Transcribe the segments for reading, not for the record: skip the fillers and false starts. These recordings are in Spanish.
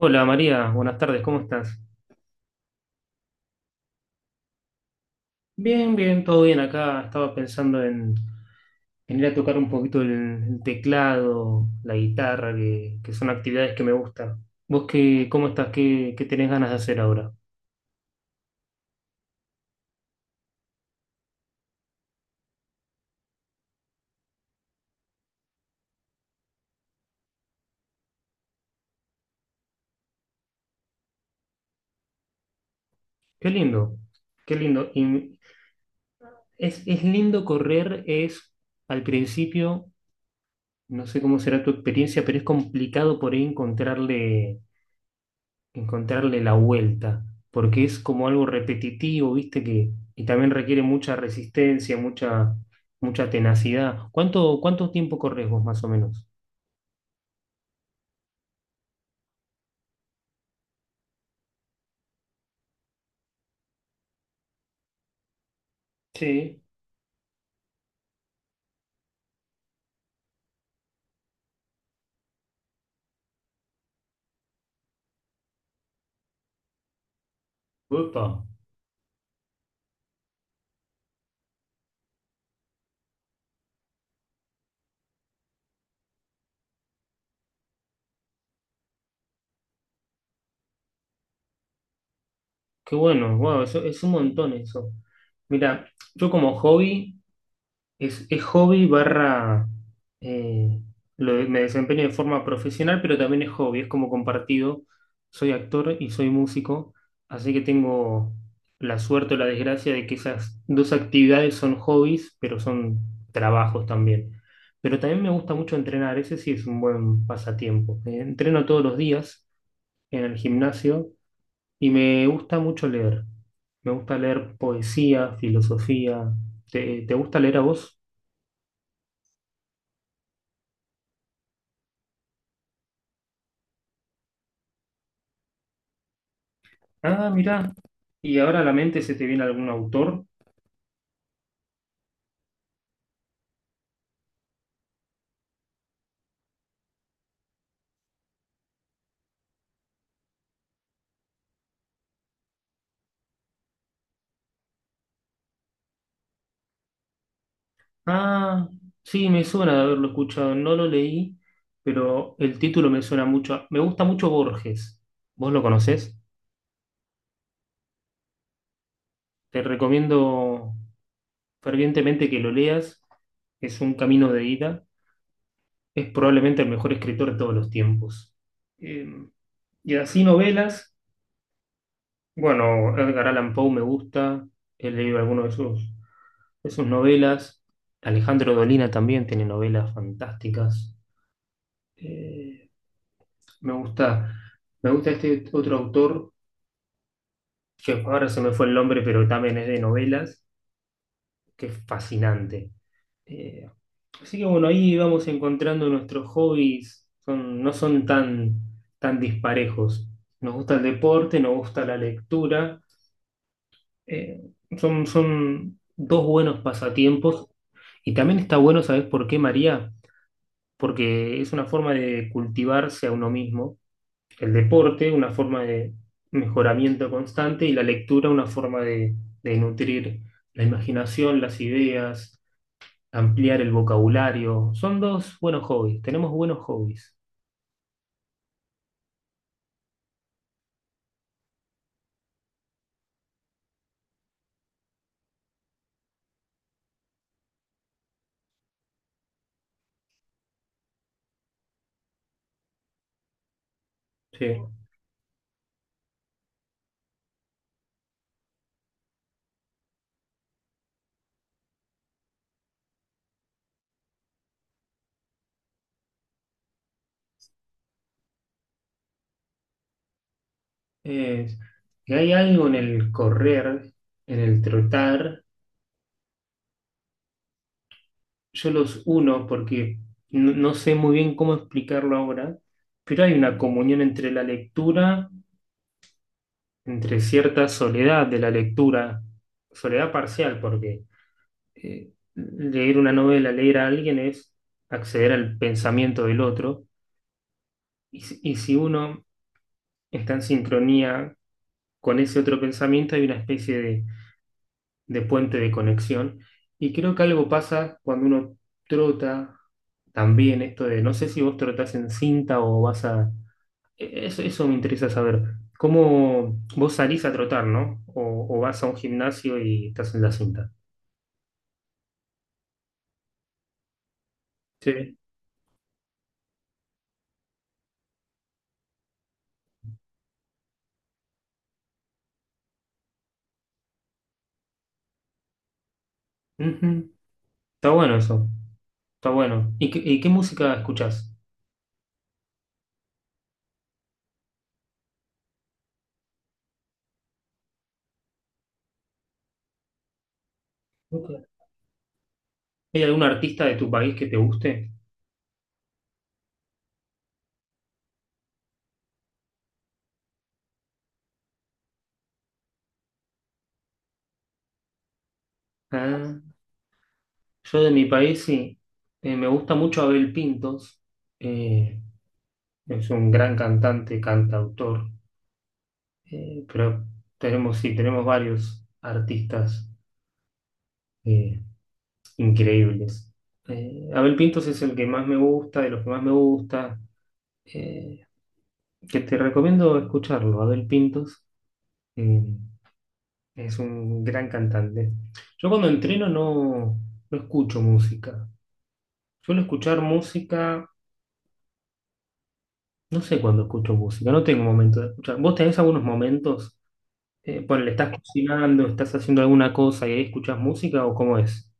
Hola María, buenas tardes, ¿cómo estás? Bien, todo bien acá. Estaba pensando en ir a tocar un poquito el teclado, la guitarra, que son actividades que me gustan. ¿Vos cómo estás? ¿Qué tenés ganas de hacer ahora? Qué lindo, qué lindo. Y es lindo correr, es al principio, no sé cómo será tu experiencia, pero es complicado por ahí encontrarle la vuelta, porque es como algo repetitivo, ¿viste? Que, y también requiere mucha resistencia, mucha tenacidad. ¿Cuánto tiempo corres vos más o menos? Sí. Upa, qué bueno, wow, eso, es un montón eso. Mira, yo como hobby. Es hobby barra, eh, me desempeño de forma profesional, pero también es hobby, es como compartido. Soy actor y soy músico, así que tengo la suerte o la desgracia de que esas dos actividades son hobbies, pero son trabajos también. Pero también me gusta mucho entrenar, ese sí es un buen pasatiempo. Entreno todos los días en el gimnasio y me gusta mucho leer. Me gusta leer poesía, filosofía. ¿Te gusta leer a vos? Ah, mirá. ¿Y ahora a la mente se te viene algún autor? Ah, sí, me suena de haberlo escuchado. No lo leí, pero el título me suena mucho. Me gusta mucho Borges. ¿Vos lo conocés? Te recomiendo fervientemente que lo leas. Es un camino de ida. Es probablemente el mejor escritor de todos los tiempos. Eh, y así novelas. Bueno, Edgar Allan Poe me gusta. He leído algunos de sus. De sus novelas. Alejandro Dolina también tiene novelas fantásticas. Eh, me gusta, me gusta este otro autor, que ahora se me fue el nombre, pero también es de novelas, que es fascinante. Eh, Así que bueno, ahí vamos encontrando nuestros hobbies, son, no son tan, tan disparejos. Nos gusta el deporte, nos gusta la lectura, eh, son, son dos buenos pasatiempos. Y también está bueno, ¿sabes por qué, María? Porque es una forma de cultivarse a uno mismo, el deporte una forma de mejoramiento constante y la lectura una forma de nutrir la imaginación, las ideas, ampliar el vocabulario. Son dos buenos hobbies, tenemos buenos hobbies. Sí. Es- y hay algo en el correr, en el trotar, yo los uno porque no sé muy bien cómo explicarlo ahora, pero hay una comunión entre la lectura, entre cierta soledad de la lectura, soledad parcial, porque leer una novela, leer a alguien es acceder al pensamiento del otro, y, y si uno está en sincronía con ese otro pensamiento, hay una especie de puente de conexión, y creo que algo pasa cuando uno trota también, esto de, no sé si vos trotás en cinta o vas a, eso, eso me interesa saber. ¿Cómo vos salís a trotar, ¿no? O vas a un gimnasio y estás en la cinta. Sí. Ujú. Está bueno eso, está bueno. ¿Y y qué música escuchás? Ok. ¿Hay algún artista de tu país que te guste? Ah, yo de mi país sí. Me gusta mucho Abel Pintos. Eh, es un gran cantante, cantautor. Pero tenemos, sí, tenemos varios artistas eh, increíbles. Abel Pintos es el que más me gusta, de los que más me gusta, eh, que te recomiendo escucharlo. Abel Pintos eh, es un gran cantante. Yo cuando entreno no, no escucho música. Suelo escuchar música, no sé cuándo escucho música, no tengo momento de escuchar. ¿Vos tenés algunos momentos? Ponele, estás cocinando, estás haciendo alguna cosa y ahí escuchás música o cómo es?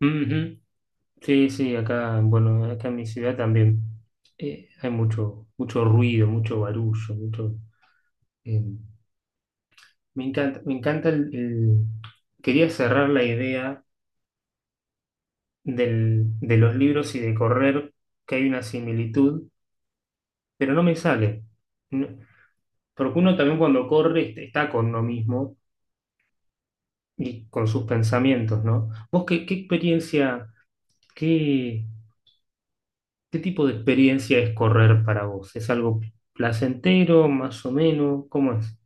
Ujú. Sí, sí, acá, bueno, acá en mi ciudad también hay mucho, mucho ruido, mucho barullo, mucho. eh, me encanta quería cerrar la idea de los libros y de correr, que hay una similitud, pero no me sale. No- Porque uno también cuando corre está con uno mismo y con sus pensamientos, ¿no? ¿Vos qué experiencia, ¿qué tipo de experiencia es correr para vos? ¿Es algo placentero, más o menos? ¿Cómo es?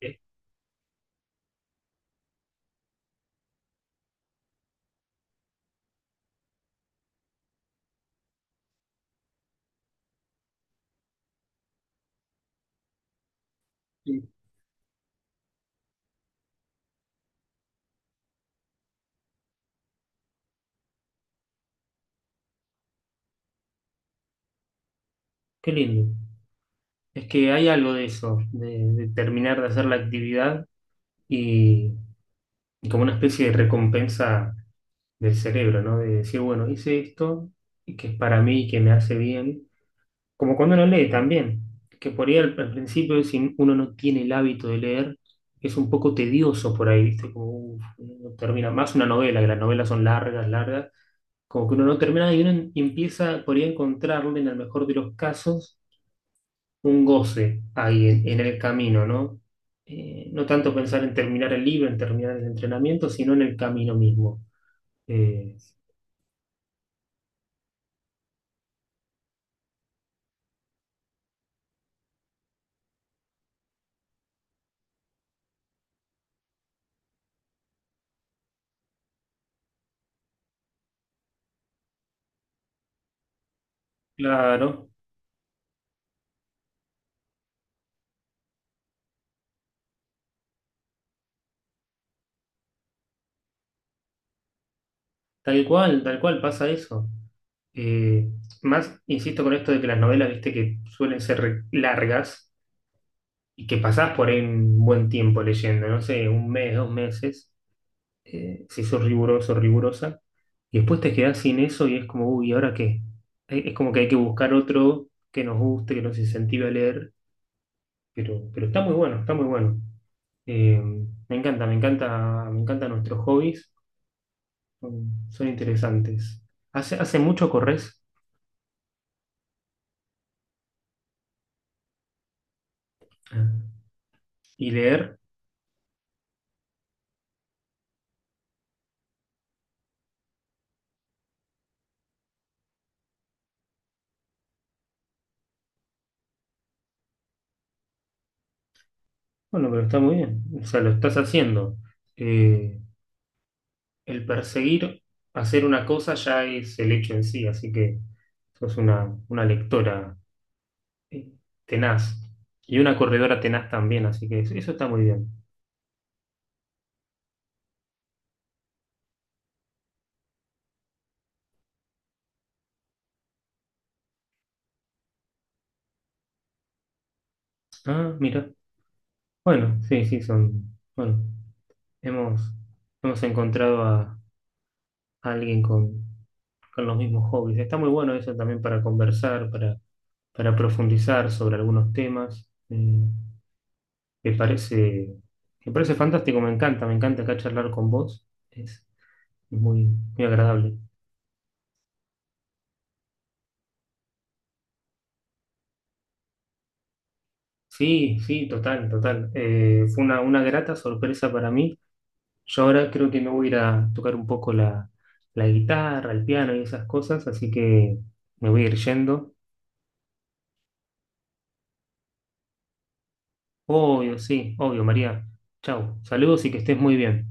Eh, Sí. Qué lindo. Es que hay algo de eso, de terminar de hacer la actividad y, y como una especie de recompensa del cerebro, ¿no? De decir, bueno, hice esto y que es para mí, que me hace bien. Como cuando uno lee también, que por ahí al principio, si uno no tiene el hábito de leer, es un poco tedioso por ahí, ¿viste? Como, uf, no termina más una novela, que las novelas son largas como que uno no termina y uno empieza por ahí a encontrarle, en el mejor de los casos, un goce ahí en el camino, ¿no? No tanto pensar en terminar el libro, en terminar el entrenamiento, sino en el camino mismo. Eh, claro, tal cual pasa eso. Eh, Más, insisto con esto de que las novelas, viste, que suelen ser largas y que pasás por ahí un buen tiempo leyendo, no sé, un mes, dos meses. Si sos riguroso, rigurosa, y después te quedás sin eso y es como, uy, ¿y ahora qué? Es como que hay que buscar otro que nos guste, que nos incentive a leer, pero está muy bueno, está muy bueno. Eh, me encantan nuestros hobbies, son, son interesantes. Hace mucho corres. Ah. Y leer, bueno, pero está muy bien, o sea, lo estás haciendo. Eh, el perseguir hacer una cosa ya es el hecho en sí, así que sos una lectora eh, tenaz. Y una corredora tenaz también, así que eso está muy bien. Ah, mira. Bueno, sí, sí, son. Bueno, hemos, hemos encontrado a alguien con los mismos hobbies. Está muy bueno eso también para conversar, para profundizar sobre algunos temas. Me parece, me parece fantástico, me encanta acá charlar con vos. Es muy, muy agradable. Sí, sí, total, total. Fue una grata sorpresa para mí. Yo ahora creo que me voy a ir a tocar un poco la guitarra, el piano y esas cosas, así que me voy a ir yendo. Obvio, sí, obvio, María. Chau, saludos y que estés muy bien.